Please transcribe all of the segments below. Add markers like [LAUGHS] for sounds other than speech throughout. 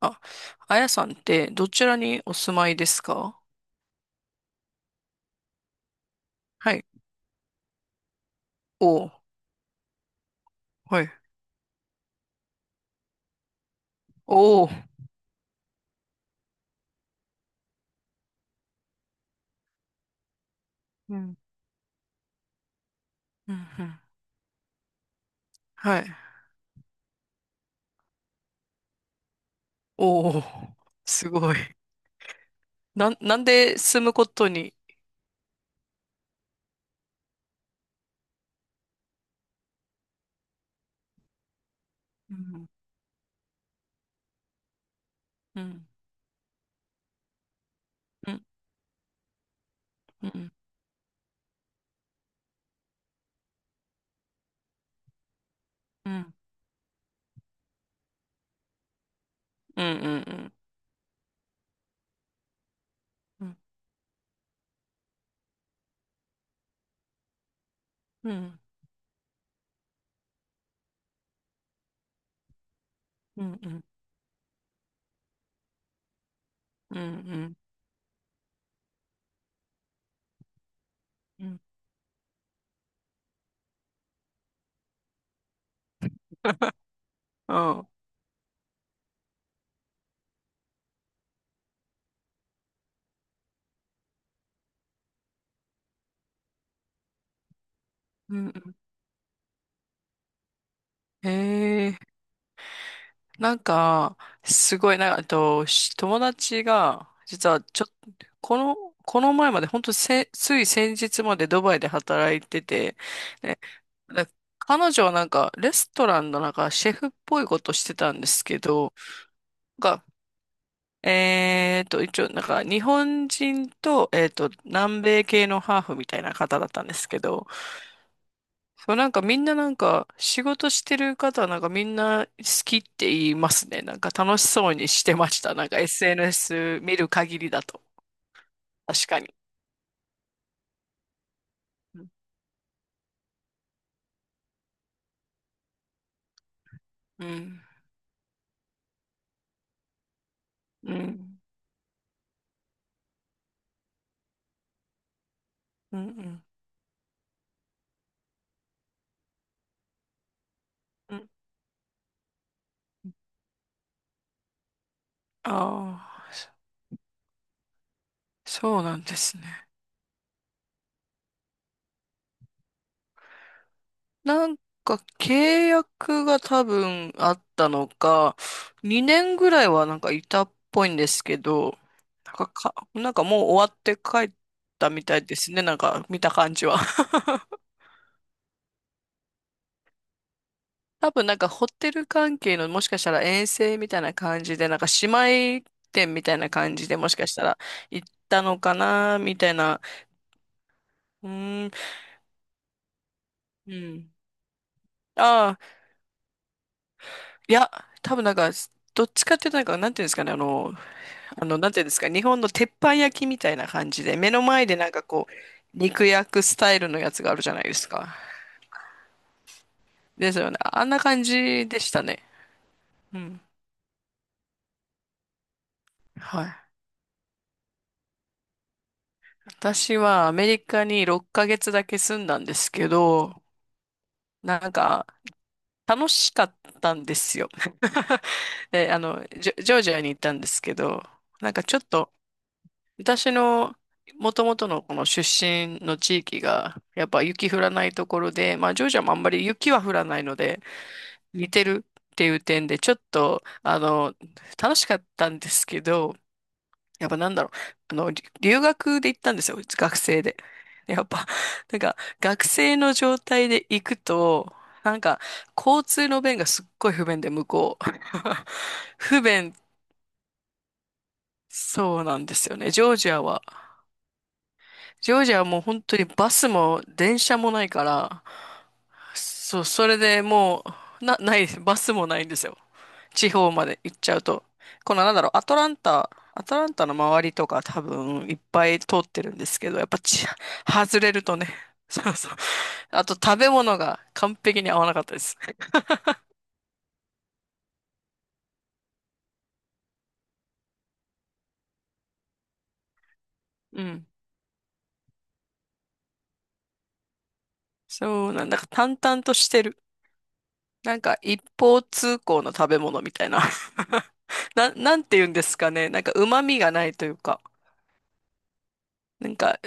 あ、あやさんってどちらにお住まいですか？はい。お、はい。お。うんうんうん。はい。お、すごい。なんなんで住むことに。うんうんうんうんうんうんうんうんうんうんうんうんうんうんうん、あ、うん、へ。なんか、すごい、なんか、あと、友達が、実はこの、この前まで、本当せ、つい先日までドバイで働いてて、で、で彼女はなんか、レストランのなんか、シェフっぽいことしてたんですけど、なんか、一応、なんか、日本人と、南米系のハーフみたいな方だったんですけど、そう、なんかみんななんか仕事してる方はなんかみんな好きって言いますね。なんか楽しそうにしてました。なんか SNS 見る限りだと。確かに。うん。うん。うん。うん。うん、ああー、そうなんですね。なんか契約が多分あったのか、2年ぐらいはなんかいたっぽいんですけど、なんか、なんかもう終わって帰ったみたいですね。なんか見た感じは。多分なんかホテル関係のもしかしたら遠征みたいな感じで、なんか姉妹店みたいな感じでもしかしたら行ったのかな、みたいな。うーん、うん。ああ、いや、多分なんか、どっちかっていうとなんか、なんていうんですかね、あの、なんていうんですか、日本の鉄板焼きみたいな感じで、目の前でなんかこう、肉焼くスタイルのやつがあるじゃないですか。ですよね。あんな感じでしたね。うん。はい。私はアメリカに6ヶ月だけ住んだんですけど、なんか、楽しかったんですよ。[LAUGHS] で、あの、ジョージアに行ったんですけど、なんかちょっと、私の元々のこの出身の地域が、やっぱ雪降らないところで、まあ、ジョージアもあんまり雪は降らないので、似てるっていう点で、ちょっと、あの、楽しかったんですけど、やっぱなんだろう。あの、留学で行ったんですよ。学生で。[LAUGHS] でやっぱ、なんか、学生の状態で行くと、なんか、交通の便がすっごい不便で、向こう。[LAUGHS] 不便、そうなんですよね。ジョージアは。ジョージアはもう本当にバスも電車もないから、そう、それでもう、ないです。バスもないんですよ。地方まで行っちゃうと、このなんだろう、アトランタの周りとか多分いっぱい通ってるんですけど、やっぱ外れるとね、[LAUGHS] そうそう。あと食べ物が完璧に合わなかったです。うん。そうなんだ、なんか淡々としてる。なんか一方通行の食べ物みたいな。[LAUGHS] なんて言うんですかね。なんか旨味がないというか、なんか、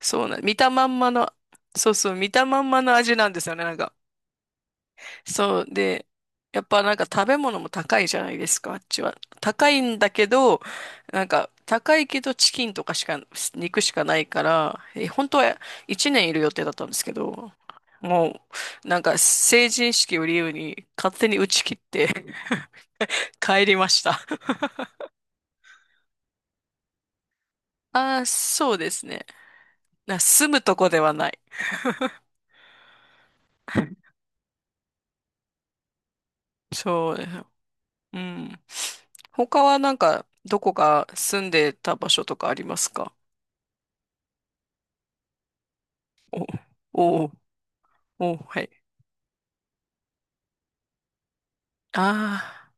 そうな、見たまんまの、そうそう、見たまんまの味なんですよね、なんか。そう。で、やっぱなんか食べ物も高いじゃないですか、あっちは。高いんだけど、なんか高いけどチキンとかしか、肉しかないから、え、本当は1年いる予定だったんですけど、もうなんか成人式を理由に勝手に打ち切って [LAUGHS] 帰りました。ああ、そうですね。住むとこではない。そうです。うん。他はなんかどこか住んでた場所とかありますか？お、お、お、はい。ああ、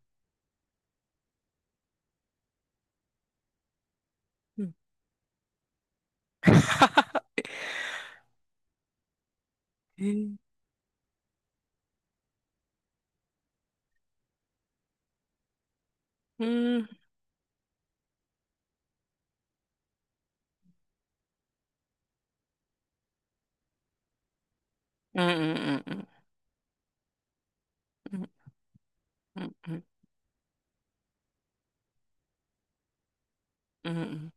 うん。えーうん、うん、うん、うん、うん、うん、うん、うん、うん、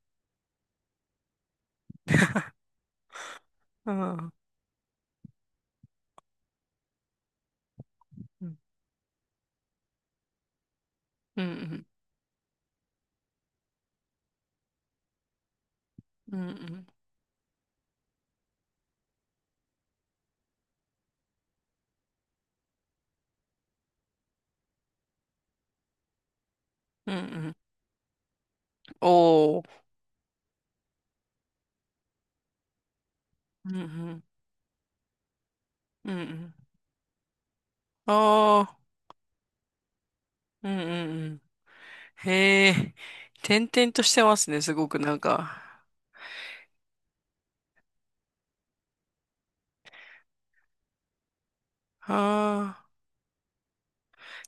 うん、うん、うん、うん、うん、うん、おー、うん、うん、うん、ああ、うん、うん、うん、へえ、転々としてますね、すごくなんか。ああ、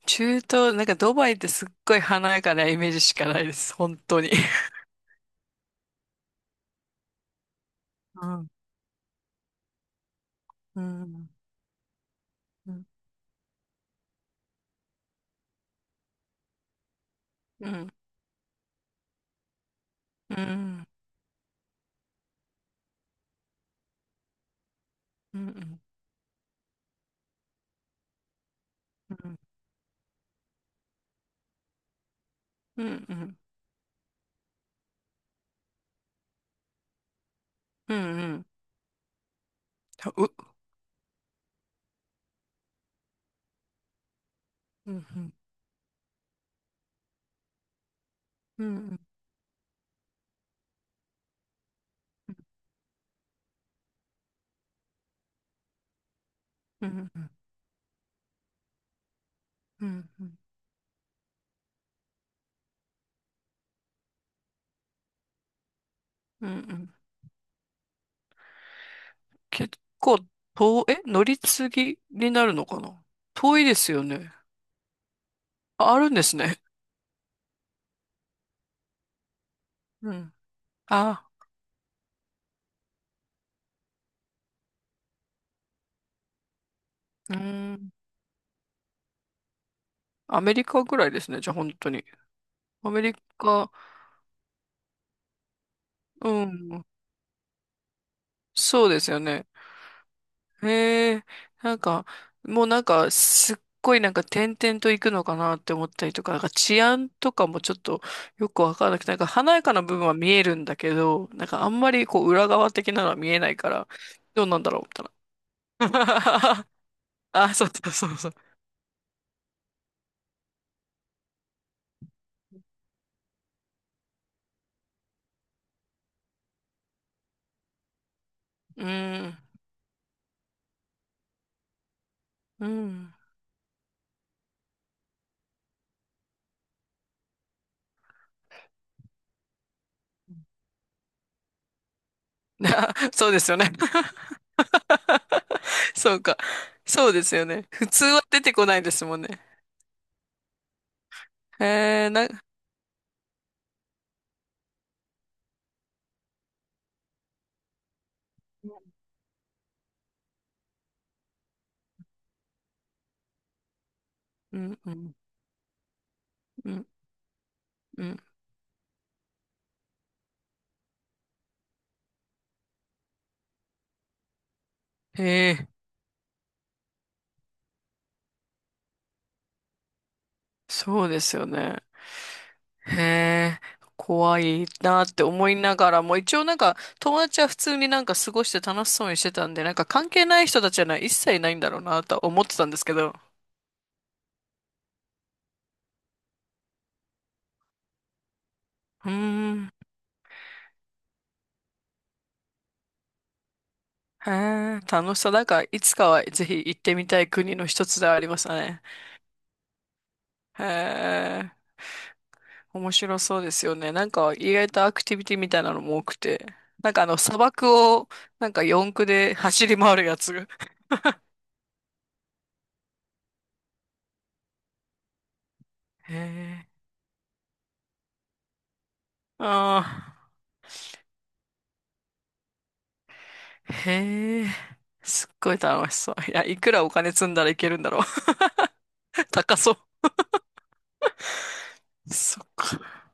中東、なんかドバイってすっごい華やかなイメージしかないです、本当に。うん、うん、うん、うん、うん、うん、うん、うん、うん、うん、うん、たう、うん、うん、うん、うん、うん、うん、うん、うん。結構乗り継ぎになるのかな？遠いですよね。あ、あるんですね。うん。あ、うん。アメリカぐらいですね。じゃあ本当に。アメリカ、うん。そうですよね。へえ、なんか、もうなんか、すっごいなんか点々と行くのかなって思ったりとか、なんか治安とかもちょっとよくわからなくて、なんか華やかな部分は見えるんだけど、なんかあんまりこう裏側的なのは見えないから、どうなんだろうみたいな。[LAUGHS] あ、そうそうそうそう。うーん、うん。[LAUGHS] あ、そうですよね。[LAUGHS] そうか。そうですよね。普通は出てこないですもんね。へえ、うん、うん、うん、うん。へえ、そうですよね。へえ、怖いなって思いながらも、一応なんか友達は普通になんか過ごして楽しそうにしてたんで、なんか関係ない人たちは一切ないんだろうなとは思ってたんですけど。うーん、へえ、楽しそう。なんかいつかはぜひ行ってみたい国の一つではありましたね。へえ、面白そうですよね。なんか意外とアクティビティみたいなのも多くて。なんかあの砂漠をなんか四駆で走り回るやつ。へえ、ああ。へえ、すっごい楽しそう。いや、いくらお金積んだらいけるんだろう。[LAUGHS] 高そう。そっか。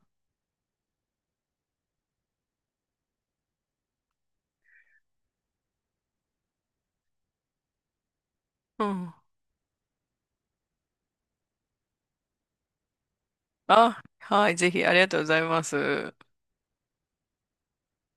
うん。あ、はい、ぜひありがとうございます。